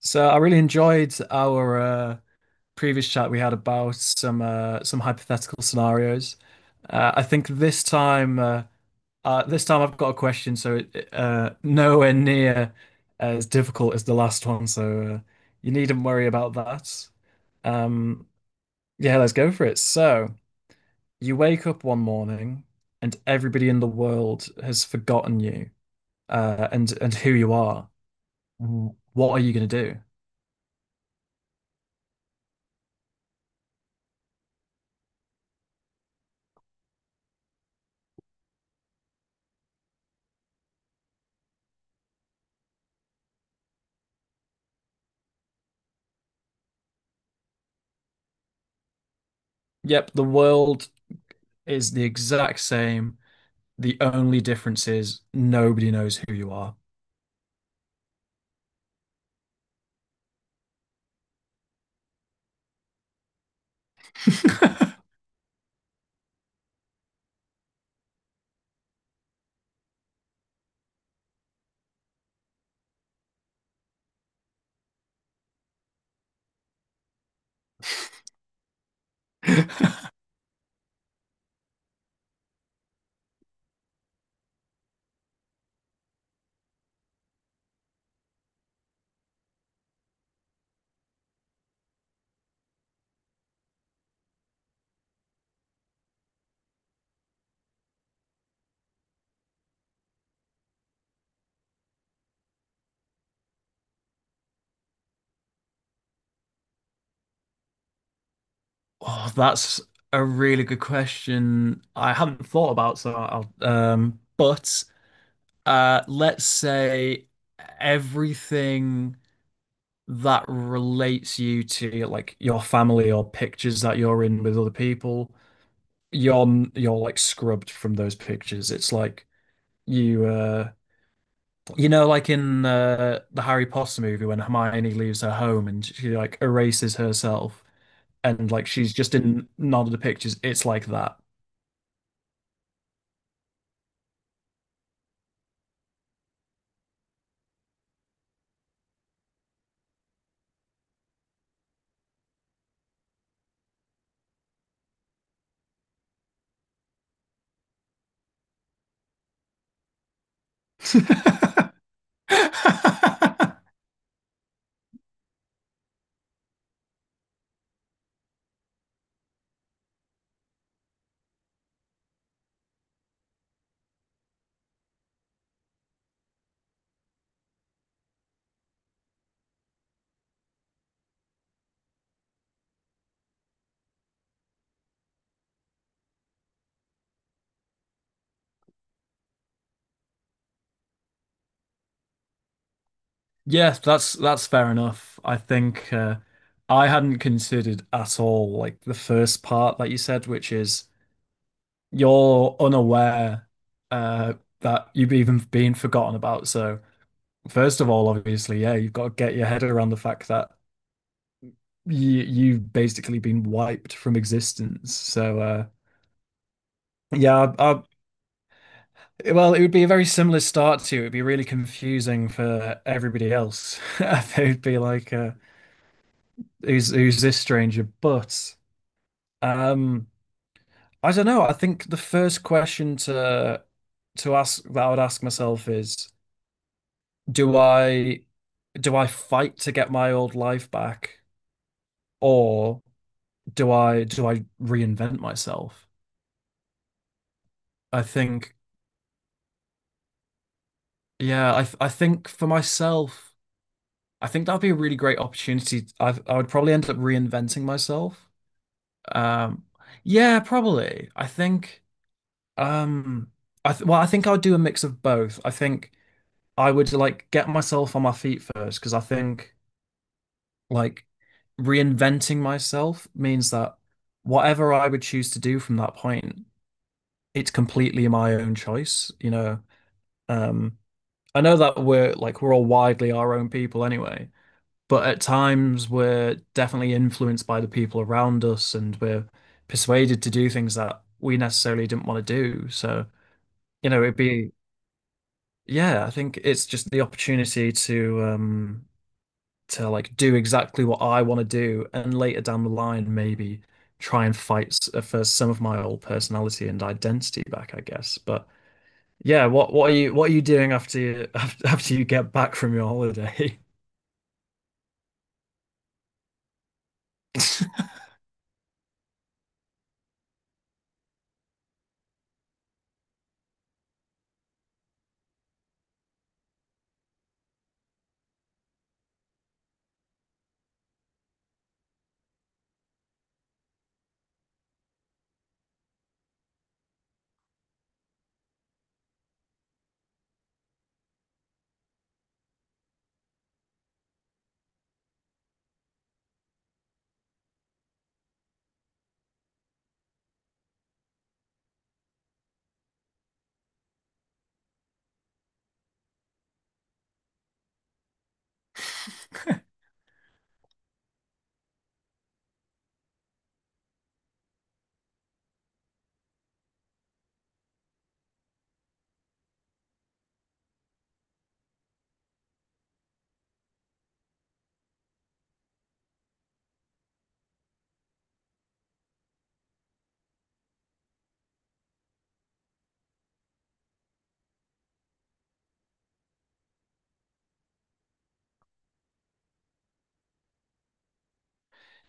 So I really enjoyed our previous chat we had about some hypothetical scenarios. I think this time I've got a question, so it, nowhere near as difficult as the last one. So you needn't worry about that. Um, yeah, let's go for it. So you wake up one morning and everybody in the world has forgotten you and who you are. What are you going to do? Yep, the world is the exact same. The only difference is nobody knows who you are. Oh, that's a really good question. I haven't thought about, so but let's say everything that relates you to like your family or pictures that you're in with other people, you're like scrubbed from those pictures. It's like you. You know, like in the Harry Potter movie when Hermione leaves her home and she like erases herself, and like she's just in none of the pictures. It's like that. Yeah, that's fair enough. I think I hadn't considered at all like the first part that you said, which is you're unaware uh, that you've even been forgotten about. So first of all, obviously, yeah, you've got to get your head around the fact that you've basically been wiped from existence. So yeah, well, it would be a very similar start to you. It'd be really confusing for everybody else. They'd be like, "Who's this stranger?" But um, I don't know. I think the first question to ask that I would ask myself is, do I do I fight to get my old life back, or do I reinvent myself? I think yeah, I think for myself, I think that'd be a really great opportunity. I would probably end up reinventing myself. Um yeah, probably. I think um I th well, I think I would do a mix of both. I think I would like get myself on my feet first because I think like reinventing myself means that whatever I would choose to do from that point, it's completely my own choice, you know. Um, I know that we're like we're all widely our own people anyway, but at times we're definitely influenced by the people around us and we're persuaded to do things that we necessarily didn't want to do. So, you know, it'd be yeah, I think it's just the opportunity to like do exactly what I want to do, and later down the line, maybe try and fight for some of my old personality and identity back, I guess. But yeah, what are you doing after you after you get back from your holiday?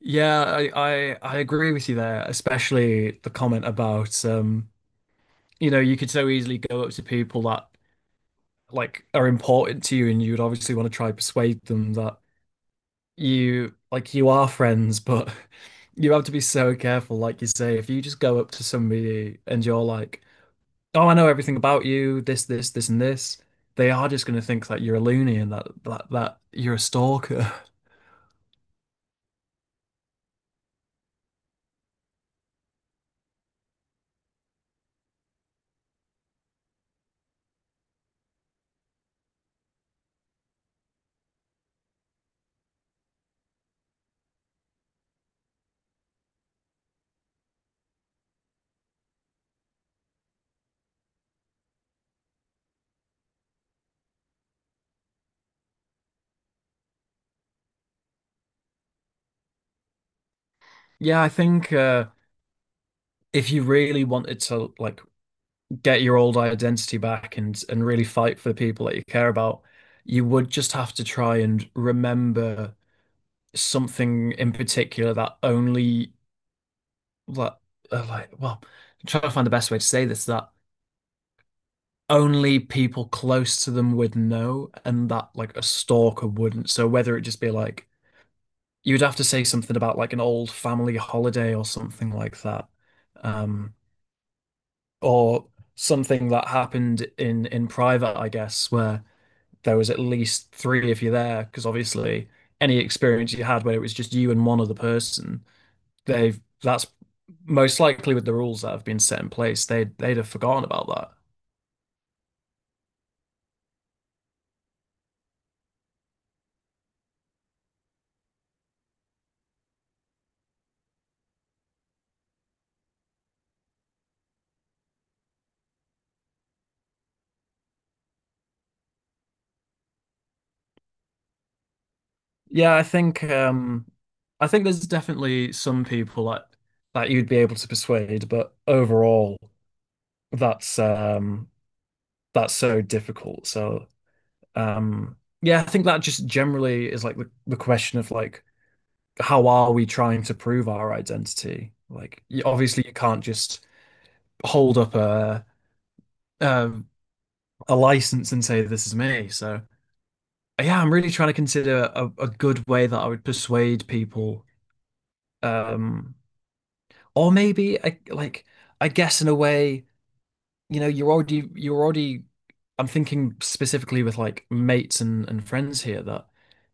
Yeah, I agree with you there, especially the comment about you know, you could so easily go up to people that like are important to you and you would obviously want to try to persuade them that you like you are friends, but you have to be so careful. Like you say, if you just go up to somebody and you're like, "Oh, I know everything about you, this, and this," they are just going to think that you're a loony and that you're a stalker. Yeah, I think if you really wanted to like get your old identity back and really fight for the people that you care about, you would just have to try and remember something in particular that only like like well, I'm trying to find the best way to say this, that only people close to them would know and that like a stalker wouldn't. So whether it just be like you'd have to say something about like an old family holiday or something like that. Um or something that happened in private, I guess, where there was at least three of you there, because obviously any experience you had where it was just you and one other person, they've that's most likely, with the rules that have been set in place, they'd have forgotten about that. Yeah, I think there's definitely some people that you'd be able to persuade, but overall that's that's so difficult. So um yeah, I think that just generally is like the question of like, how are we trying to prove our identity? Like you, obviously you can't just hold up um a license and say this is me. So yeah, I'm really trying to consider a good way that I would persuade people. um Or maybe I like I guess in a way, you know, you're already I'm thinking specifically with like mates and friends here that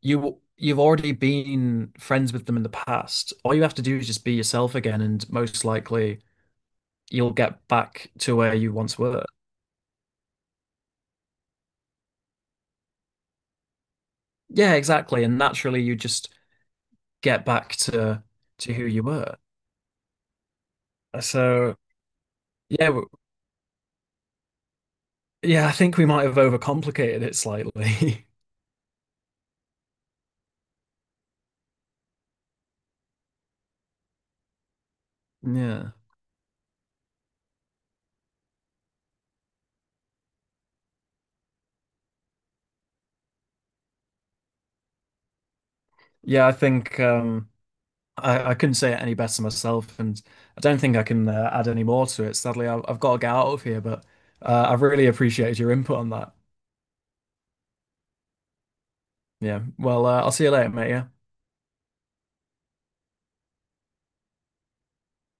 you've already been friends with them in the past. All you have to do is just be yourself again, and most likely you'll get back to where you once were. Yeah, exactly. And naturally you just get back to who you were. So yeah, yeah, I think we might have overcomplicated it slightly. Yeah. Yeah, I think I couldn't say it any better myself, and I don't think I can add any more to it. Sadly, I've got to get out of here, but I've really appreciated your input on that. Yeah. Well, I'll see you later, mate. Yeah.